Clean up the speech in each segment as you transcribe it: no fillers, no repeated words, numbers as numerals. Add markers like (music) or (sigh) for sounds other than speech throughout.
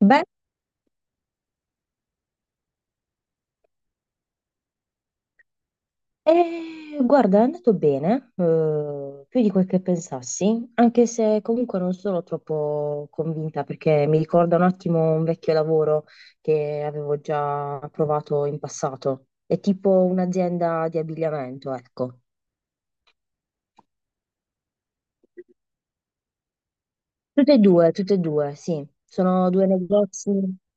Beh, guarda, è andato bene, più di quel che pensassi, anche se comunque non sono troppo convinta perché mi ricorda un attimo un vecchio lavoro che avevo già provato in passato. È tipo un'azienda di abbigliamento, ecco. Tutte e due, sì. Sono due negozi,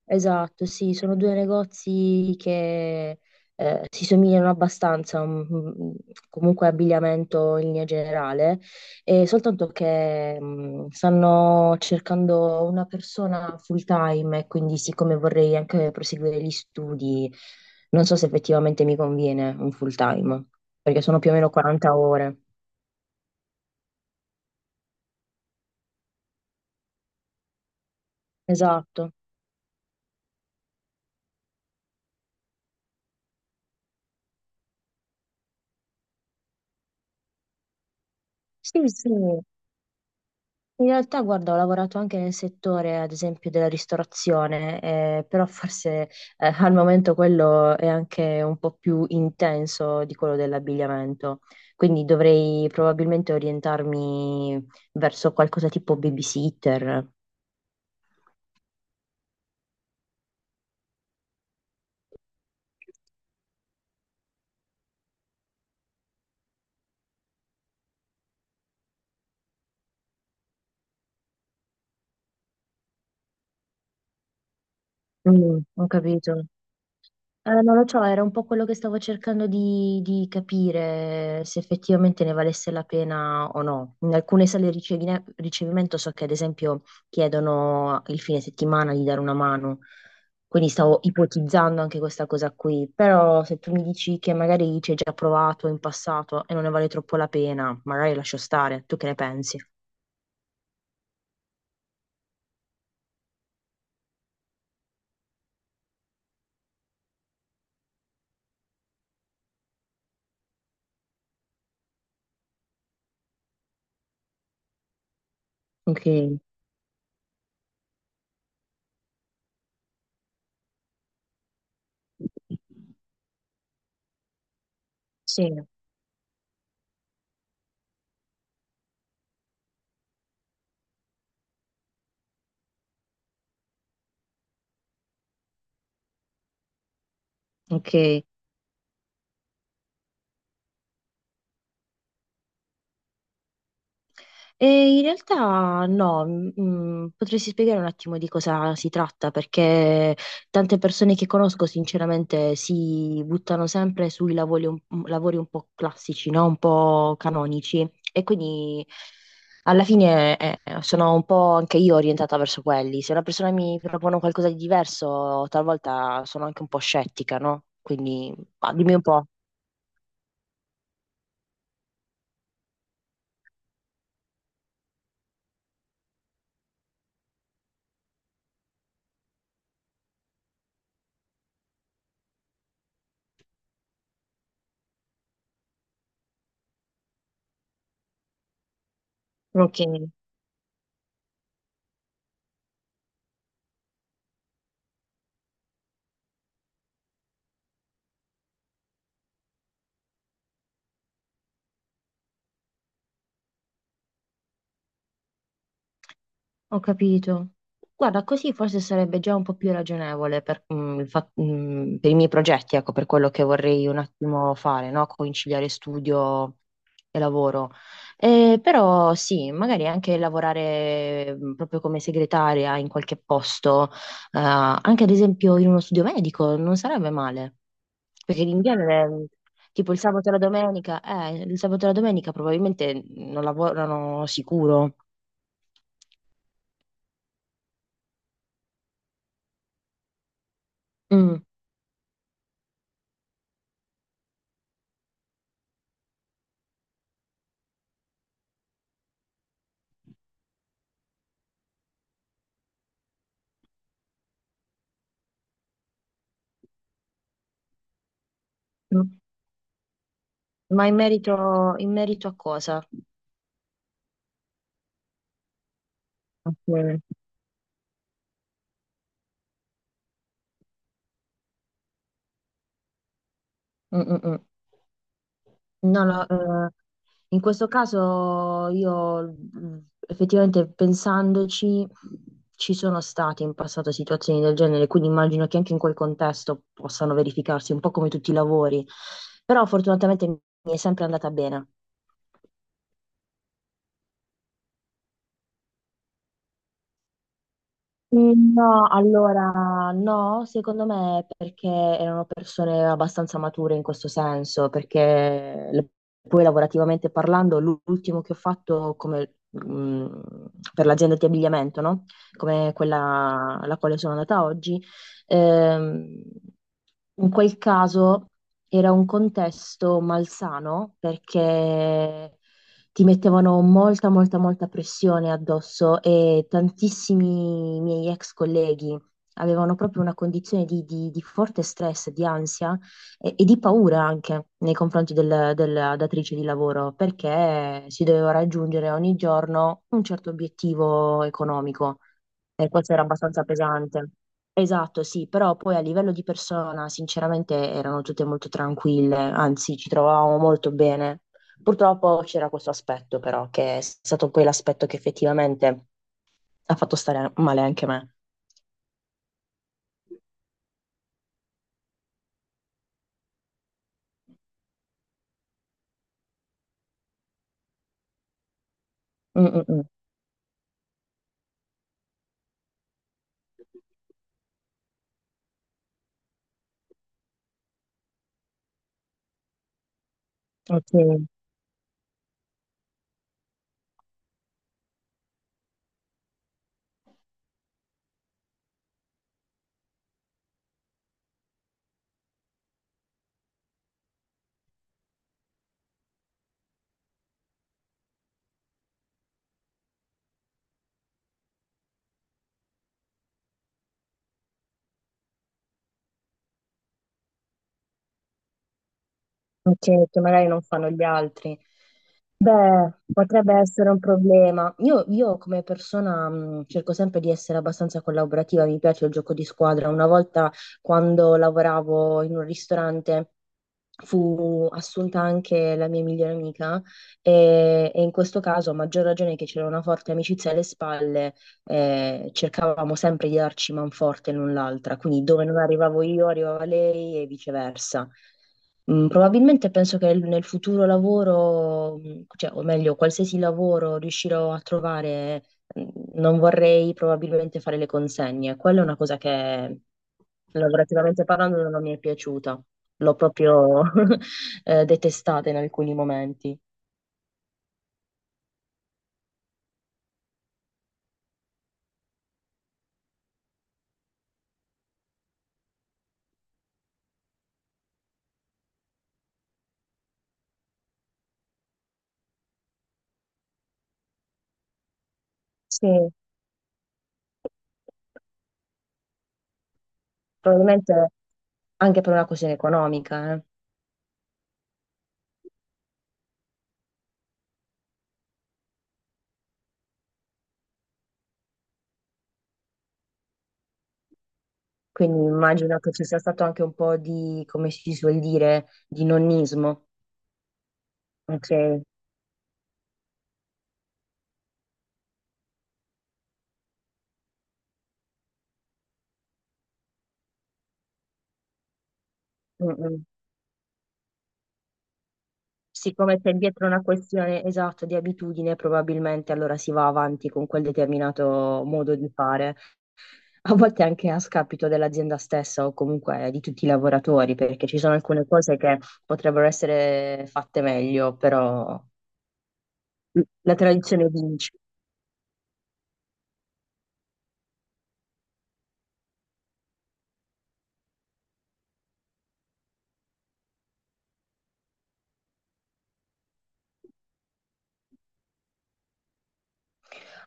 esatto, sì, sono due negozi che si somigliano abbastanza, mm, mm, comunque abbigliamento in linea generale, e soltanto che stanno cercando una persona full time e quindi siccome vorrei anche proseguire gli studi, non so se effettivamente mi conviene un full time, perché sono più o meno 40 ore. Esatto. Sì, sì. In realtà, guarda, ho lavorato anche nel settore, ad esempio, della ristorazione, però forse al momento quello è anche un po' più intenso di quello dell'abbigliamento, quindi dovrei probabilmente orientarmi verso qualcosa tipo babysitter. Mm, ho capito. Non lo so, era un po' quello che stavo cercando di capire se effettivamente ne valesse la pena o no. In alcune sale di ricevimento so che ad esempio chiedono il fine settimana di dare una mano, quindi stavo ipotizzando anche questa cosa qui, però se tu mi dici che magari ci hai già provato in passato e non ne vale troppo la pena, magari lascio stare, tu che ne pensi? Ok, sì, ok. E in realtà no, mm, potresti spiegare un attimo di cosa si tratta, perché tante persone che conosco sinceramente si buttano sempre sui lavori un po' classici, no? Un po' canonici e quindi alla fine sono un po' anche io orientata verso quelli. Se una persona mi propone qualcosa di diverso, talvolta sono anche un po' scettica, no? Quindi ah, dimmi un po'. Ok. Ho capito. Guarda, così forse sarebbe già un po' più ragionevole per, mm, per i miei progetti, ecco, per quello che vorrei un attimo fare, no? Conciliare studio e lavoro. Però sì, magari anche lavorare mm, proprio come segretaria in qualche posto, anche ad esempio in uno studio medico, non sarebbe male, perché in genere... mm, tipo il sabato e la domenica, il sabato e la domenica probabilmente non lavorano sicuro. Mm. Ma in merito a cosa? Ok. Mm, mm, mm. No, no, in questo caso io mm, effettivamente pensandoci ci sono state in passato situazioni del genere, quindi immagino che anche in quel contesto possano verificarsi un po' come tutti i lavori, però fortunatamente mi è sempre andata bene. Mm, no, allora no, secondo me è perché erano persone abbastanza mature in questo senso, poi lavorativamente parlando, l'ultimo che ho fatto come, mm, per l'azienda di abbigliamento, no? Come quella alla quale sono andata oggi, ehm, in quel caso era un contesto malsano perché ti mettevano molta, molta, molta pressione addosso e tantissimi miei ex colleghi avevano proprio una condizione di forte stress, di ansia e di paura anche nei confronti della datrice di lavoro, perché si doveva raggiungere ogni giorno un certo obiettivo economico. E questo era abbastanza pesante. Esatto, sì, però poi a livello di persona, sinceramente, erano tutte molto tranquille, anzi, ci trovavamo molto bene. Purtroppo c'era questo aspetto, però, che è stato poi l'aspetto che effettivamente ha fatto stare male anche me. Mm, mm, mm. Ok. Ok, che magari non fanno gli altri. Beh, potrebbe essere un problema. Io come persona cerco sempre di essere abbastanza collaborativa, mi piace il gioco di squadra. Una volta quando lavoravo in un ristorante fu assunta anche la mia migliore amica e in questo caso, a maggior ragione che c'era una forte amicizia alle spalle, cercavamo sempre di darci manforte l'un l'altra, quindi dove non arrivavo io arrivava lei e viceversa. Mm, probabilmente penso che nel futuro lavoro, mm, cioè, o meglio, qualsiasi lavoro riuscirò a trovare, mm, non vorrei probabilmente fare le consegne. Quella è una cosa che lavorativamente parlando non mi è piaciuta, l'ho proprio (laughs) detestata in alcuni momenti. Sì, probabilmente anche per una questione economica, eh. Quindi immagino che ci sia stato anche un po' di, come si suol dire, di nonnismo. Ok. Mm, mm. Siccome c'è dietro una questione esatta di abitudine, probabilmente allora si va avanti con quel determinato modo di fare. (laughs) A volte anche a scapito dell'azienda stessa o comunque di tutti i lavoratori, perché ci sono alcune cose che potrebbero essere fatte meglio, però la tradizione vince.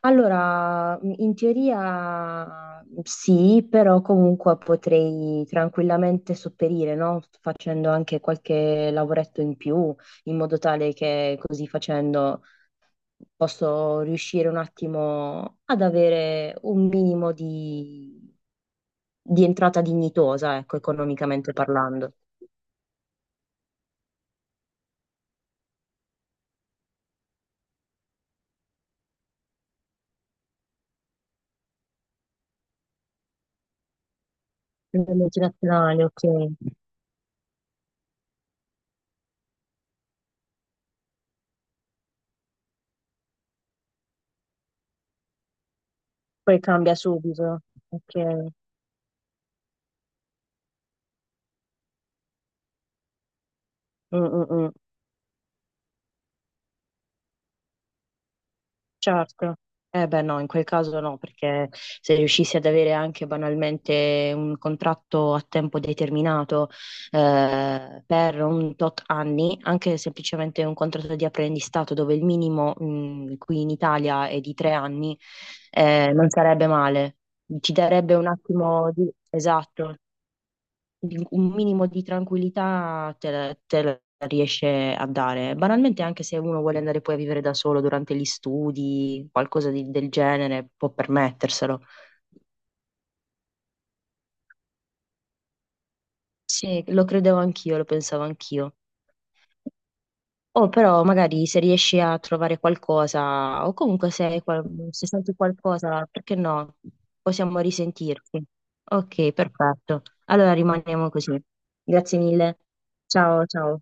Allora, in teoria sì, però comunque potrei tranquillamente sopperire, no? Facendo anche qualche lavoretto in più, in modo tale che così facendo posso riuscire un attimo ad avere un minimo di entrata dignitosa, ecco, economicamente parlando. Le multinazionali, ok. Poi cambia subito. Ok. Mm, mm, mm. Certo. Eh beh no, in quel caso no, perché se riuscissi ad avere anche banalmente un contratto a tempo determinato per un tot anni, anche semplicemente un contratto di apprendistato dove il minimo mm, qui in Italia è di 3 anni, non sarebbe male. Ci darebbe un attimo di... Esatto, un minimo di tranquillità te la riesce a dare. Banalmente, anche se uno vuole andare poi a vivere da solo durante gli studi, del genere, può permetterselo. Sì, lo credevo anch'io, lo pensavo anch'io. O però magari se riesci a trovare qualcosa, o comunque se, se senti qualcosa, perché no? Possiamo risentirci. Ok, perfetto. Allora rimaniamo così. Grazie mille. Ciao, ciao.